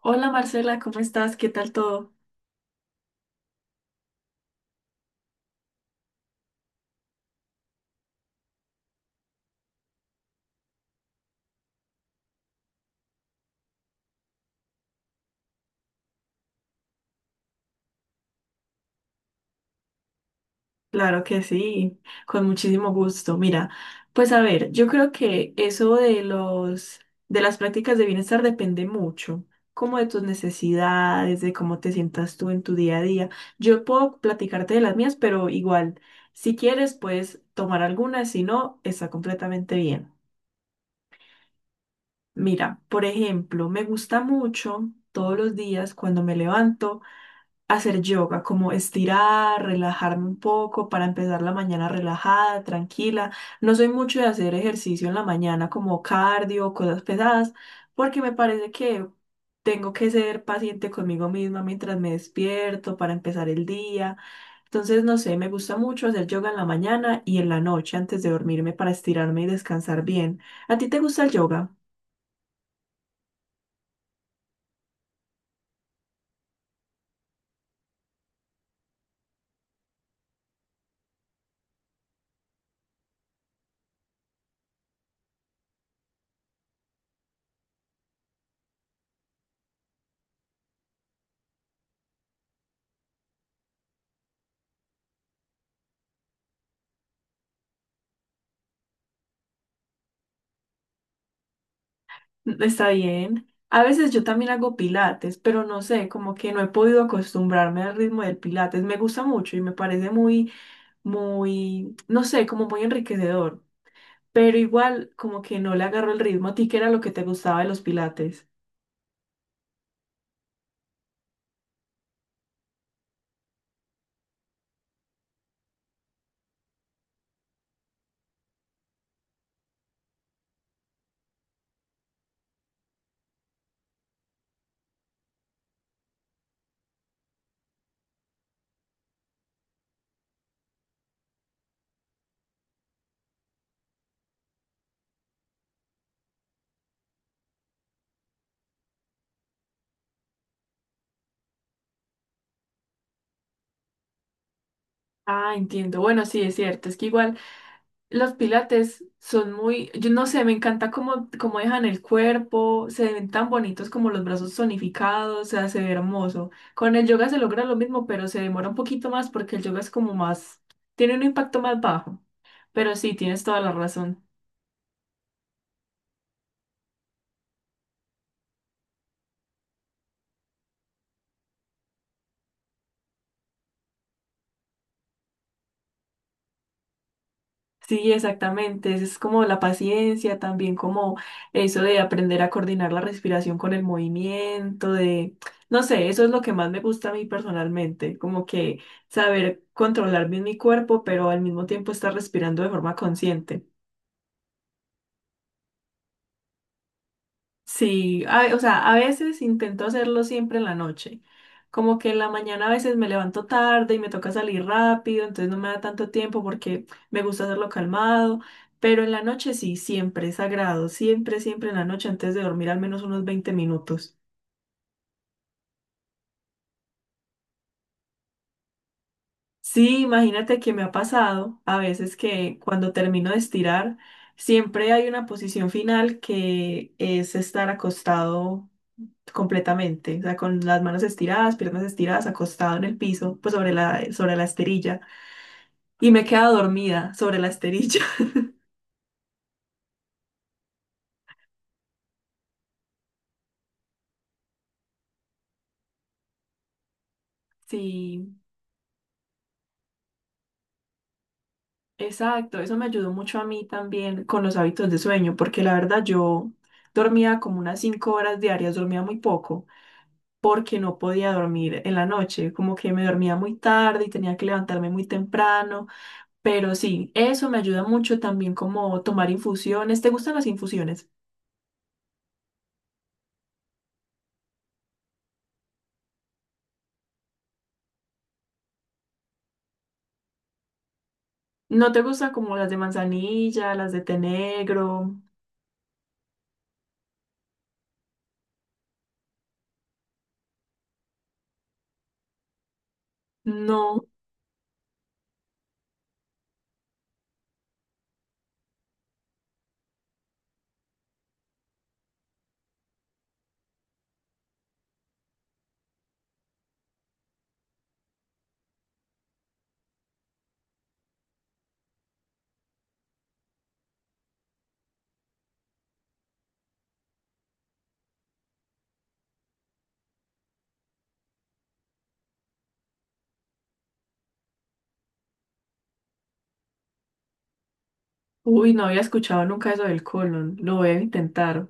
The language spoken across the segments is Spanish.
Hola Marcela, ¿cómo estás? ¿Qué tal todo? Claro que sí, con muchísimo gusto. Mira, pues a ver, yo creo que eso de las prácticas de bienestar depende mucho, como de tus necesidades, de cómo te sientas tú en tu día a día. Yo puedo platicarte de las mías, pero igual, si quieres, puedes tomar algunas, si no, está completamente bien. Mira, por ejemplo, me gusta mucho todos los días cuando me levanto, hacer yoga, como estirar, relajarme un poco para empezar la mañana relajada, tranquila. No soy mucho de hacer ejercicio en la mañana como cardio, cosas pesadas, porque me parece que tengo que ser paciente conmigo misma mientras me despierto para empezar el día. Entonces, no sé, me gusta mucho hacer yoga en la mañana y en la noche antes de dormirme para estirarme y descansar bien. ¿A ti te gusta el yoga? Está bien. A veces yo también hago pilates, pero no sé, como que no he podido acostumbrarme al ritmo del pilates. Me gusta mucho y me parece muy, muy, no sé, como muy enriquecedor. Pero igual, como que no le agarro el ritmo. ¿A ti qué era lo que te gustaba de los pilates? Ah, entiendo. Bueno, sí, es cierto. Es que igual, los pilates son muy, yo no sé, me encanta cómo, cómo dejan el cuerpo, se ven tan bonitos como los brazos tonificados, o sea, se ve hermoso. Con el yoga se logra lo mismo, pero se demora un poquito más porque el yoga es como más, tiene un impacto más bajo. Pero sí, tienes toda la razón. Sí, exactamente. Es como la paciencia, también como eso de aprender a coordinar la respiración con el movimiento, de, no sé, eso es lo que más me gusta a mí personalmente, como que saber controlar bien mi cuerpo, pero al mismo tiempo estar respirando de forma consciente. Sí, a o sea, a veces intento hacerlo siempre en la noche. Como que en la mañana a veces me levanto tarde y me toca salir rápido, entonces no me da tanto tiempo porque me gusta hacerlo calmado, pero en la noche sí, siempre es sagrado, siempre, siempre en la noche antes de dormir al menos unos 20 minutos. Sí, imagínate que me ha pasado a veces que cuando termino de estirar, siempre hay una posición final que es estar acostado completamente, o sea, con las manos estiradas, piernas estiradas, acostado en el piso, pues sobre la esterilla. Y me quedaba dormida sobre la esterilla. Sí, exacto, eso me ayudó mucho a mí también con los hábitos de sueño, porque la verdad yo dormía como unas 5 horas diarias, dormía muy poco, porque no podía dormir en la noche, como que me dormía muy tarde y tenía que levantarme muy temprano, pero sí, eso me ayuda mucho también como tomar infusiones. ¿Te gustan las infusiones? ¿No te gustan como las de manzanilla, las de té negro? No. Uy, no había escuchado nunca eso del colon. Lo voy a intentar.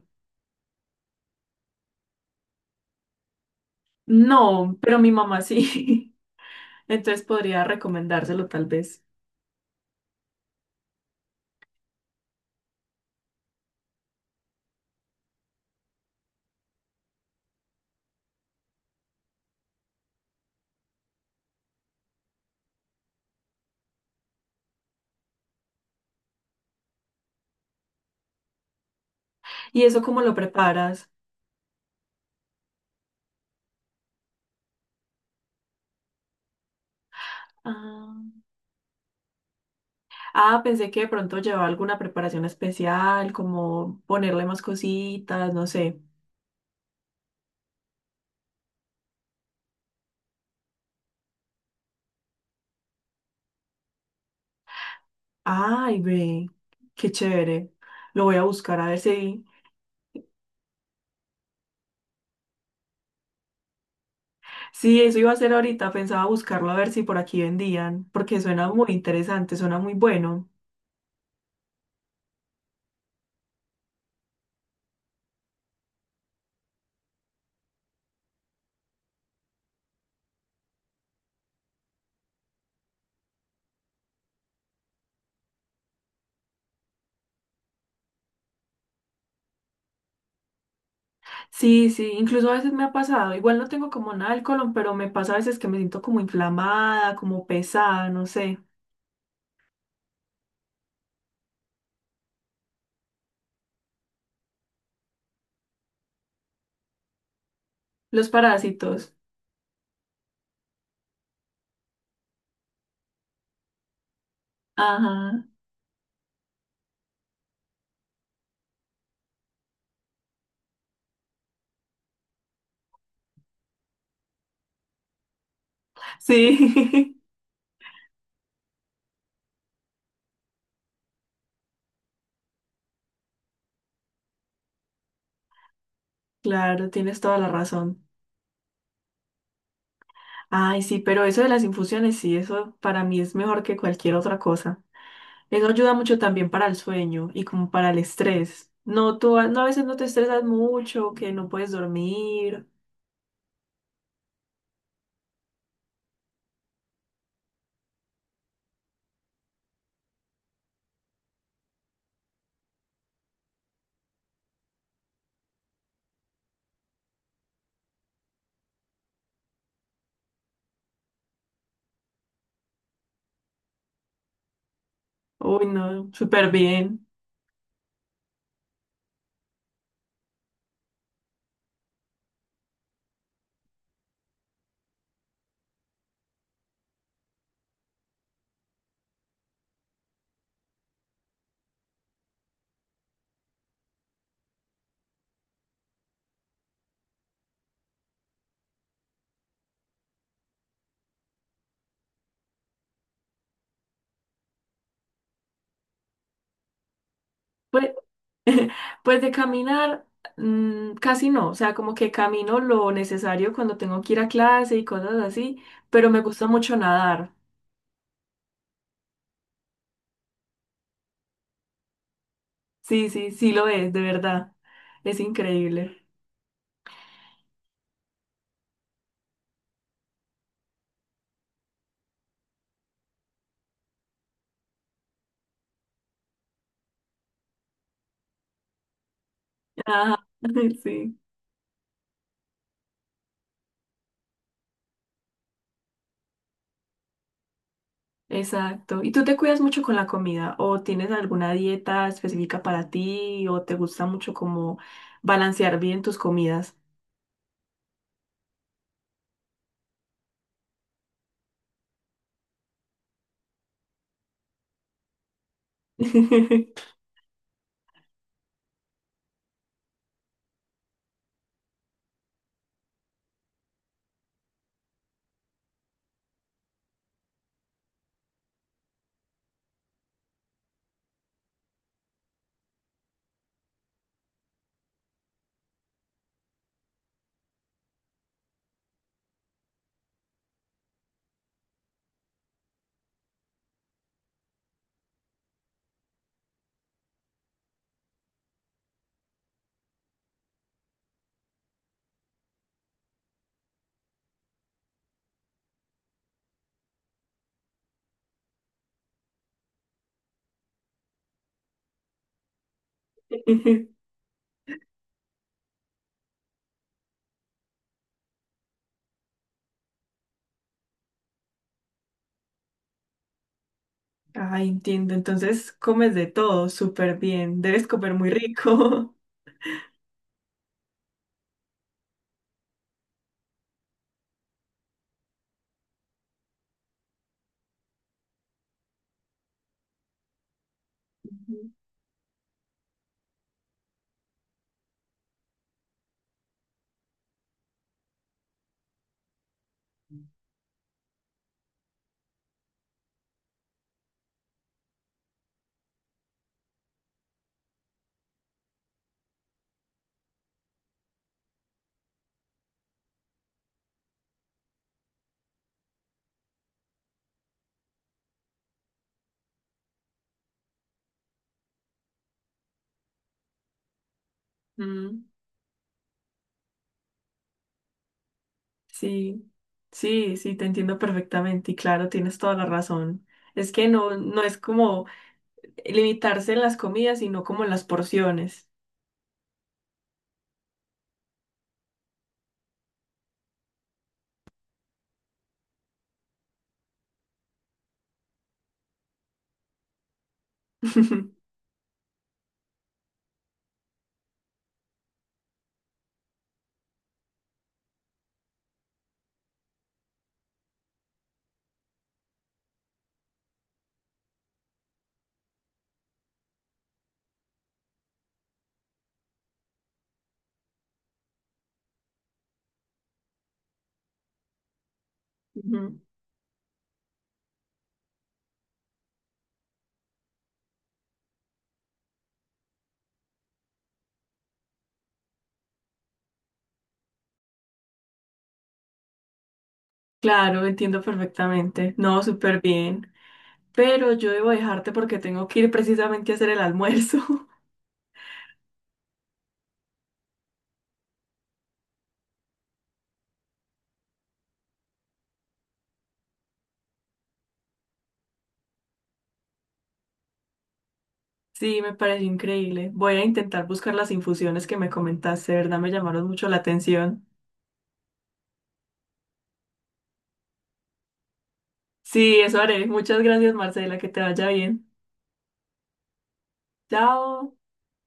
No, pero mi mamá sí. Entonces podría recomendárselo tal vez. ¿Y eso cómo lo preparas? Ah, ah, pensé que de pronto llevaba alguna preparación especial, como ponerle más cositas, no sé. Ay, ve, qué chévere. Lo voy a buscar a ver si sí, eso iba a ser ahorita, pensaba buscarlo a ver si por aquí vendían, porque suena muy interesante, suena muy bueno. Sí, sí, incluso a veces me ha pasado, igual no tengo como nada del colon, pero me pasa a veces que me siento como inflamada, como pesada, no sé. Los parásitos. Ajá, sí, claro, tienes toda la razón. Ay, sí, pero eso de las infusiones, sí, eso para mí es mejor que cualquier otra cosa. Eso ayuda mucho también para el sueño y como para el estrés. No, tú a, no, a veces no te estresas mucho, que no puedes dormir. Uy, no, súper bien. Pues, pues de caminar, mm, casi no. O sea, como que camino lo necesario cuando tengo que ir a clase y cosas así, pero me gusta mucho nadar. Sí, sí, sí lo es, de verdad. Es increíble. Ajá, sí. Exacto. ¿Y tú te cuidas mucho con la comida? ¿O tienes alguna dieta específica para ti? ¿O te gusta mucho como balancear bien tus comidas? Ah, entiendo. Entonces comes de todo súper bien. Debes comer muy rico. Ujú. Mm, sí, sí, sí, te entiendo perfectamente. Y claro, tienes toda la razón. Es que no, no es como limitarse en las comidas, sino como en las porciones. Ujú. Claro, entiendo perfectamente. No, súper bien. Pero yo debo dejarte porque tengo que ir precisamente a hacer el almuerzo. Sí, me pareció increíble. Voy a intentar buscar las infusiones que me comentaste, de verdad me llamaron mucho la atención. Sí, eso haré. Muchas gracias, Marcela, que te vaya bien. Chao.